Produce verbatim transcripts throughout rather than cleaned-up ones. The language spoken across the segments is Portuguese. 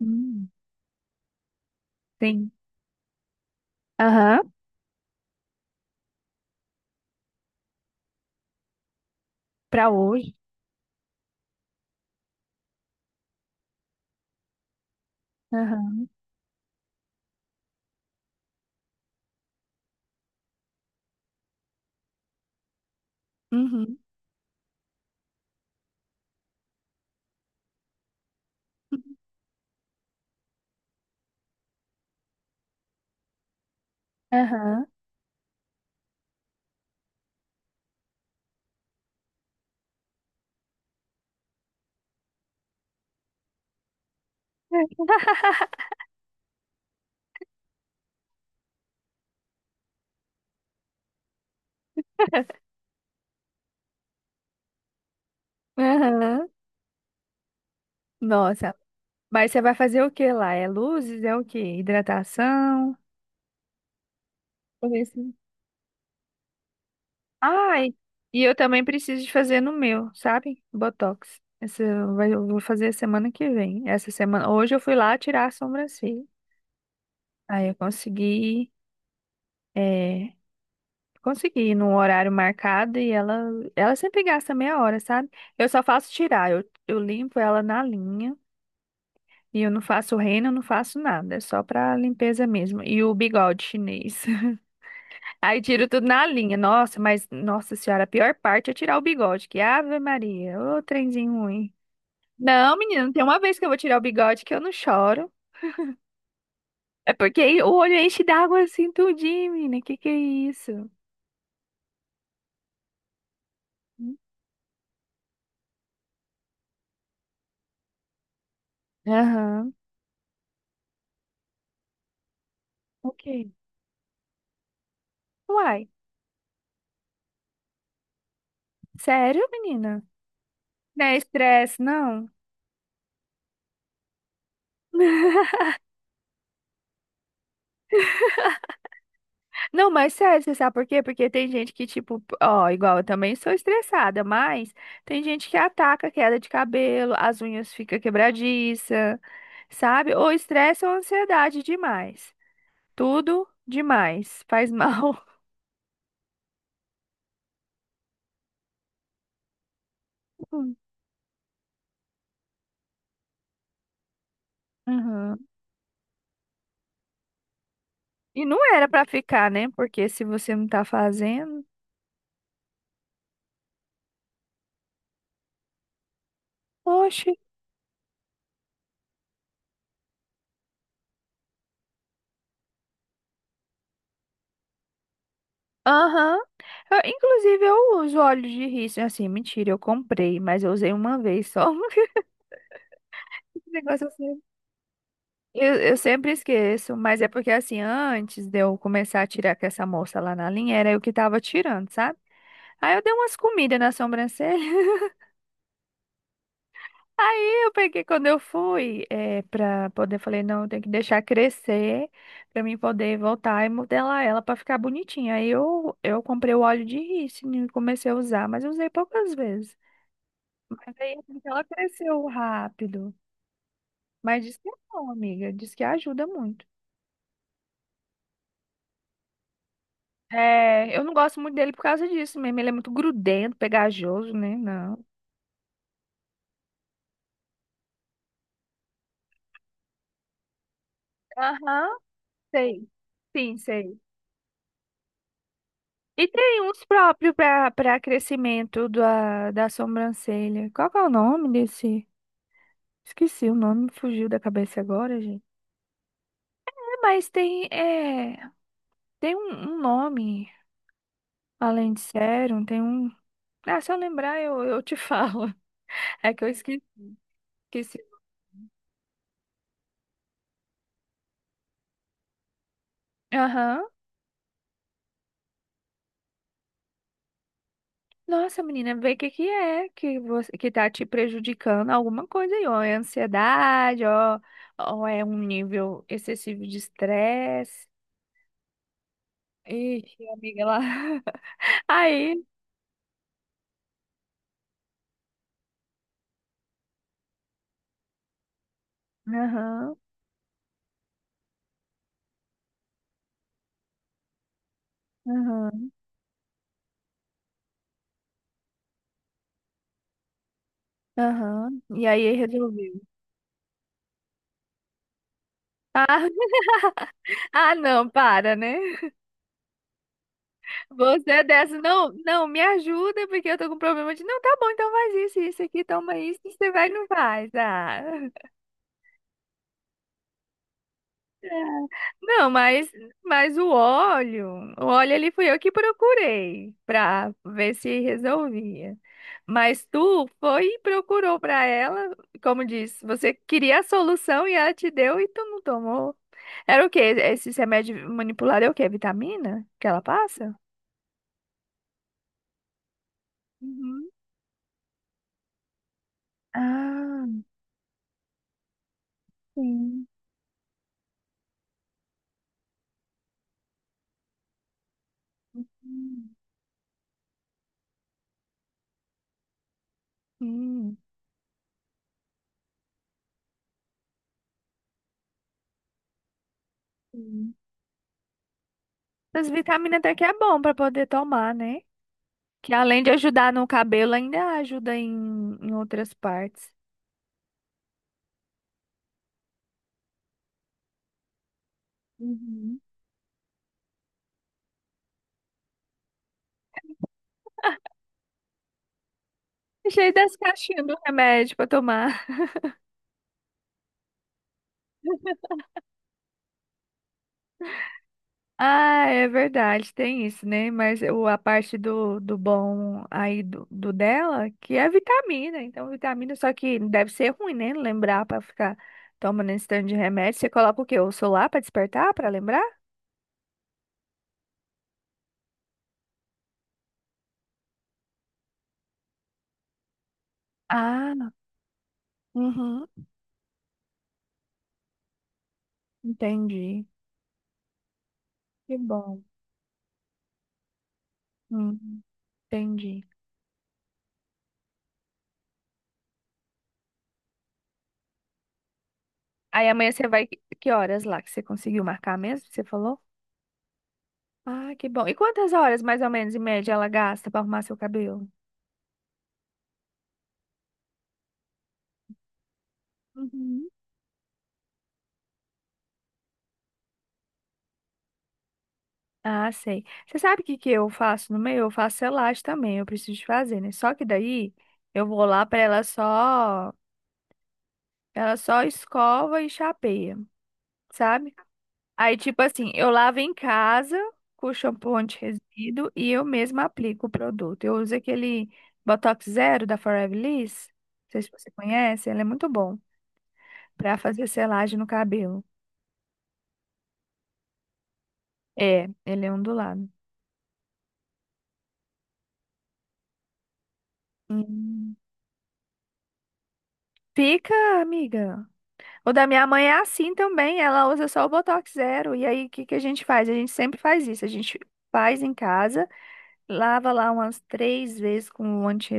Hum, sim. Aham, pra hoje. Aham. Uhum. Aham. Aham. Nossa. Mas você vai fazer o que lá? É luzes? É o quê? Hidratação? Fazer isso. Ai, e eu também preciso de fazer no meu, sabe? Botox. Esse eu vai- eu vou fazer semana que vem. Essa semana. Hoje eu fui lá tirar a sobrancelha. Aí eu consegui. é, Consegui no horário marcado e ela, ela sempre gasta meia hora, sabe? Eu só faço tirar, eu, eu limpo ela na linha e eu não faço reino, eu não faço nada, é só pra limpeza mesmo. E o bigode chinês. Aí tiro tudo na linha. Nossa, mas, nossa senhora, a pior parte é tirar o bigode, que Ave Maria, ô trenzinho ruim. Não, menina, tem uma vez que eu vou tirar o bigode que eu não choro. É porque aí o olho enche d'água assim tudinho, menina, que que é isso? Aham. Ok. Uai, sério, menina? Não é estresse, não. Não, mas sério, você sabe por quê? Porque tem gente que, tipo, ó, igual eu também sou estressada, mas tem gente que ataca a queda de cabelo, as unhas ficam quebradiças, sabe? Ou estresse ou ansiedade demais. Tudo demais. Faz mal. Uhum. E não era pra ficar, né? Porque se você não tá fazendo. Oxe. Aham. Eu- Inclusive, eu uso óleo de rícino. Assim, mentira, eu comprei, mas eu usei uma vez só. Esse negócio assim. Eu, eu sempre esqueço, mas é porque assim, antes de eu começar a tirar com essa moça lá na linha, era eu que tava tirando, sabe? Aí eu dei umas comidas na sobrancelha. Aí eu peguei, quando eu fui, é, pra poder, falei, não, eu tenho que deixar crescer pra mim poder voltar e modelar ela pra ficar bonitinha. Aí eu, eu comprei o óleo de rícino e comecei a usar, mas eu usei poucas vezes. Mas aí assim, ela cresceu rápido. Mas diz que é bom, amiga, diz que ajuda muito. É, eu não gosto muito dele por causa disso mesmo. Ele é muito grudento, pegajoso, né? Não. Aham, sei. Sim, sei. E tem uns próprios para para crescimento da, da sobrancelha. Qual que é o nome desse? Esqueci o nome, me fugiu da cabeça agora, gente. É, mas tem, é, tem um, um nome, além de sérum, tem um. Ah, se eu lembrar, eu, eu te falo. É que eu esque- esqueci. Aham. Nossa, menina, vê o que que é que você que tá te prejudicando alguma coisa aí, ó, é ansiedade, ó, ou é um nível excessivo de estresse. Ixi, amiga, lá. Aí, aham, aham, aham. E aí resolveu. Ah, ah, não, para, né? Você é dessa, não, não, me ajuda, porque eu tô com problema de, não, tá bom, então faz isso, isso aqui, toma isso, você vai e não faz. Ah. Não, mas, mas o óleo, o óleo ali fui eu que procurei pra ver se resolvia. Mas tu foi e procurou pra ela, como disse, você queria a solução e ela te deu e tu não tomou. Era o quê? Esse remédio manipulado é o quê? Vitamina que ela passa? Uhum. Ah, sim. Hum, hum. Sim. As vitaminas até que é bom pra poder tomar, né? Que além de ajudar no cabelo, ainda ajuda em, em outras partes. Uhum. Cheio das caixinhas do remédio pra tomar. Ah, é verdade, tem isso, né? Mas o, a parte do, do bom aí do, do dela, que é vitamina. Então, vitamina, só que deve ser ruim, né? Lembrar pra ficar tomando esse tanto de remédio. Você coloca o quê? O celular pra despertar, pra lembrar? Ah, uhum, entendi. Que bom. Hum, entendi. Aí amanhã você vai. Que horas lá que você conseguiu marcar mesmo? Você falou? Ah, que bom. E quantas horas, mais ou menos, em média, ela gasta pra arrumar seu cabelo? Uhum. Ah, sei. Você sabe o que que eu faço no meio? Eu faço selagem também, eu preciso de fazer, né? Só que daí eu vou lá pra ela só, ela só escova e chapeia, sabe? Aí, tipo assim, eu lavo em casa com shampoo anti-resíduo e eu mesma aplico o produto. Eu uso aquele Botox Zero da Forever Liss. Não sei se você conhece, ele é muito bom pra fazer selagem no cabelo. É, ele é ondulado. Hum. Fica, amiga. O da minha mãe é assim também, ela usa só o Botox Zero. E aí, o que que a gente faz? A gente sempre faz isso. A gente faz em casa, lava lá umas três vezes com o anti.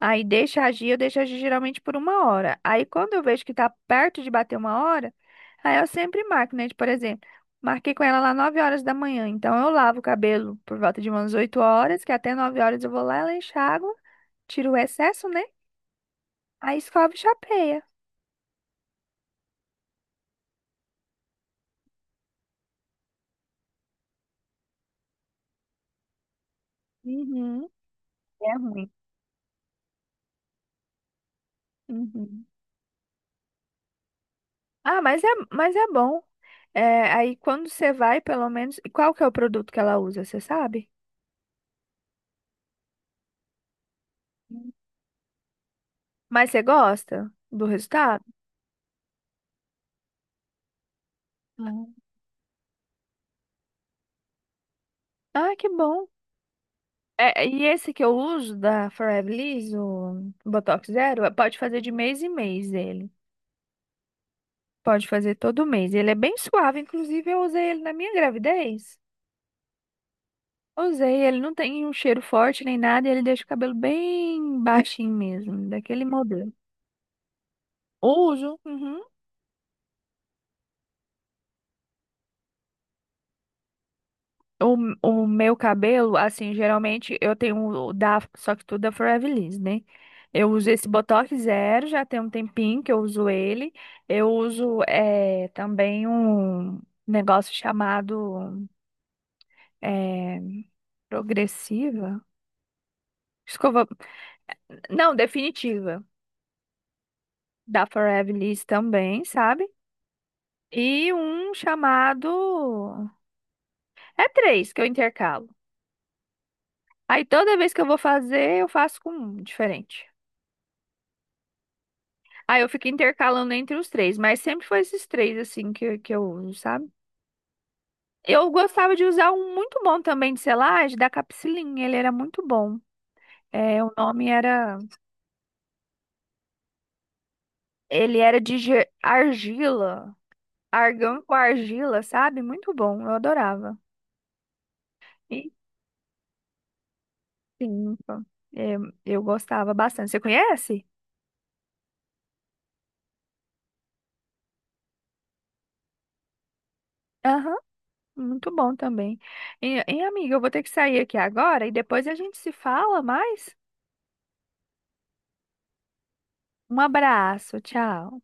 Aí deixa agir, eu deixo agir geralmente por uma hora. Aí quando eu vejo que tá perto de bater uma hora, aí eu sempre marco, né? Tipo, por exemplo, marquei com ela lá nove horas da manhã. Então eu lavo o cabelo por volta de umas oito horas, que até nove horas eu vou lá, ela enxágua, tiro o excesso, né? Aí escova e chapeia. Uhum. É ruim. Uhum. Ah, mas é, mas é bom. É, aí quando você vai, pelo menos. E qual que é o produto que ela usa, você sabe? Hum. Mas você gosta do resultado? Não. Ah, que bom. É, e esse que eu uso da Forever Liss, o Botox Zero, pode fazer de mês em mês ele. Pode fazer todo mês. Ele é bem suave, inclusive eu usei ele na minha gravidez. Usei, ele não tem um cheiro forte nem nada, ele deixa o cabelo bem baixinho mesmo, daquele modelo. Uso. Uhum. O, o meu cabelo, assim, geralmente eu tenho o da, só que tudo da Forever Liss, né? Eu uso esse Botox Zero, já tem um tempinho que eu uso ele. Eu uso é, também um negócio chamado é, progressiva, escova, não, definitiva, da Forever Liss também, sabe? E um chamado, é três que eu intercalo. Aí toda vez que eu vou fazer, eu faço com um diferente. Aí eu fico intercalando entre os três, mas sempre foi esses três, assim, que, que eu uso, sabe? Eu gostava de usar um muito bom também de selagem, da Capsilin, ele era muito bom. É, o nome era... Ele era de ge- argila, argão com argila, sabe? Muito bom, eu adorava. E sim, então, é, eu gostava bastante. Você conhece? Aham, muito bom também. E, e, amiga, eu vou ter que sair aqui agora e depois a gente se fala mais. Um abraço, tchau.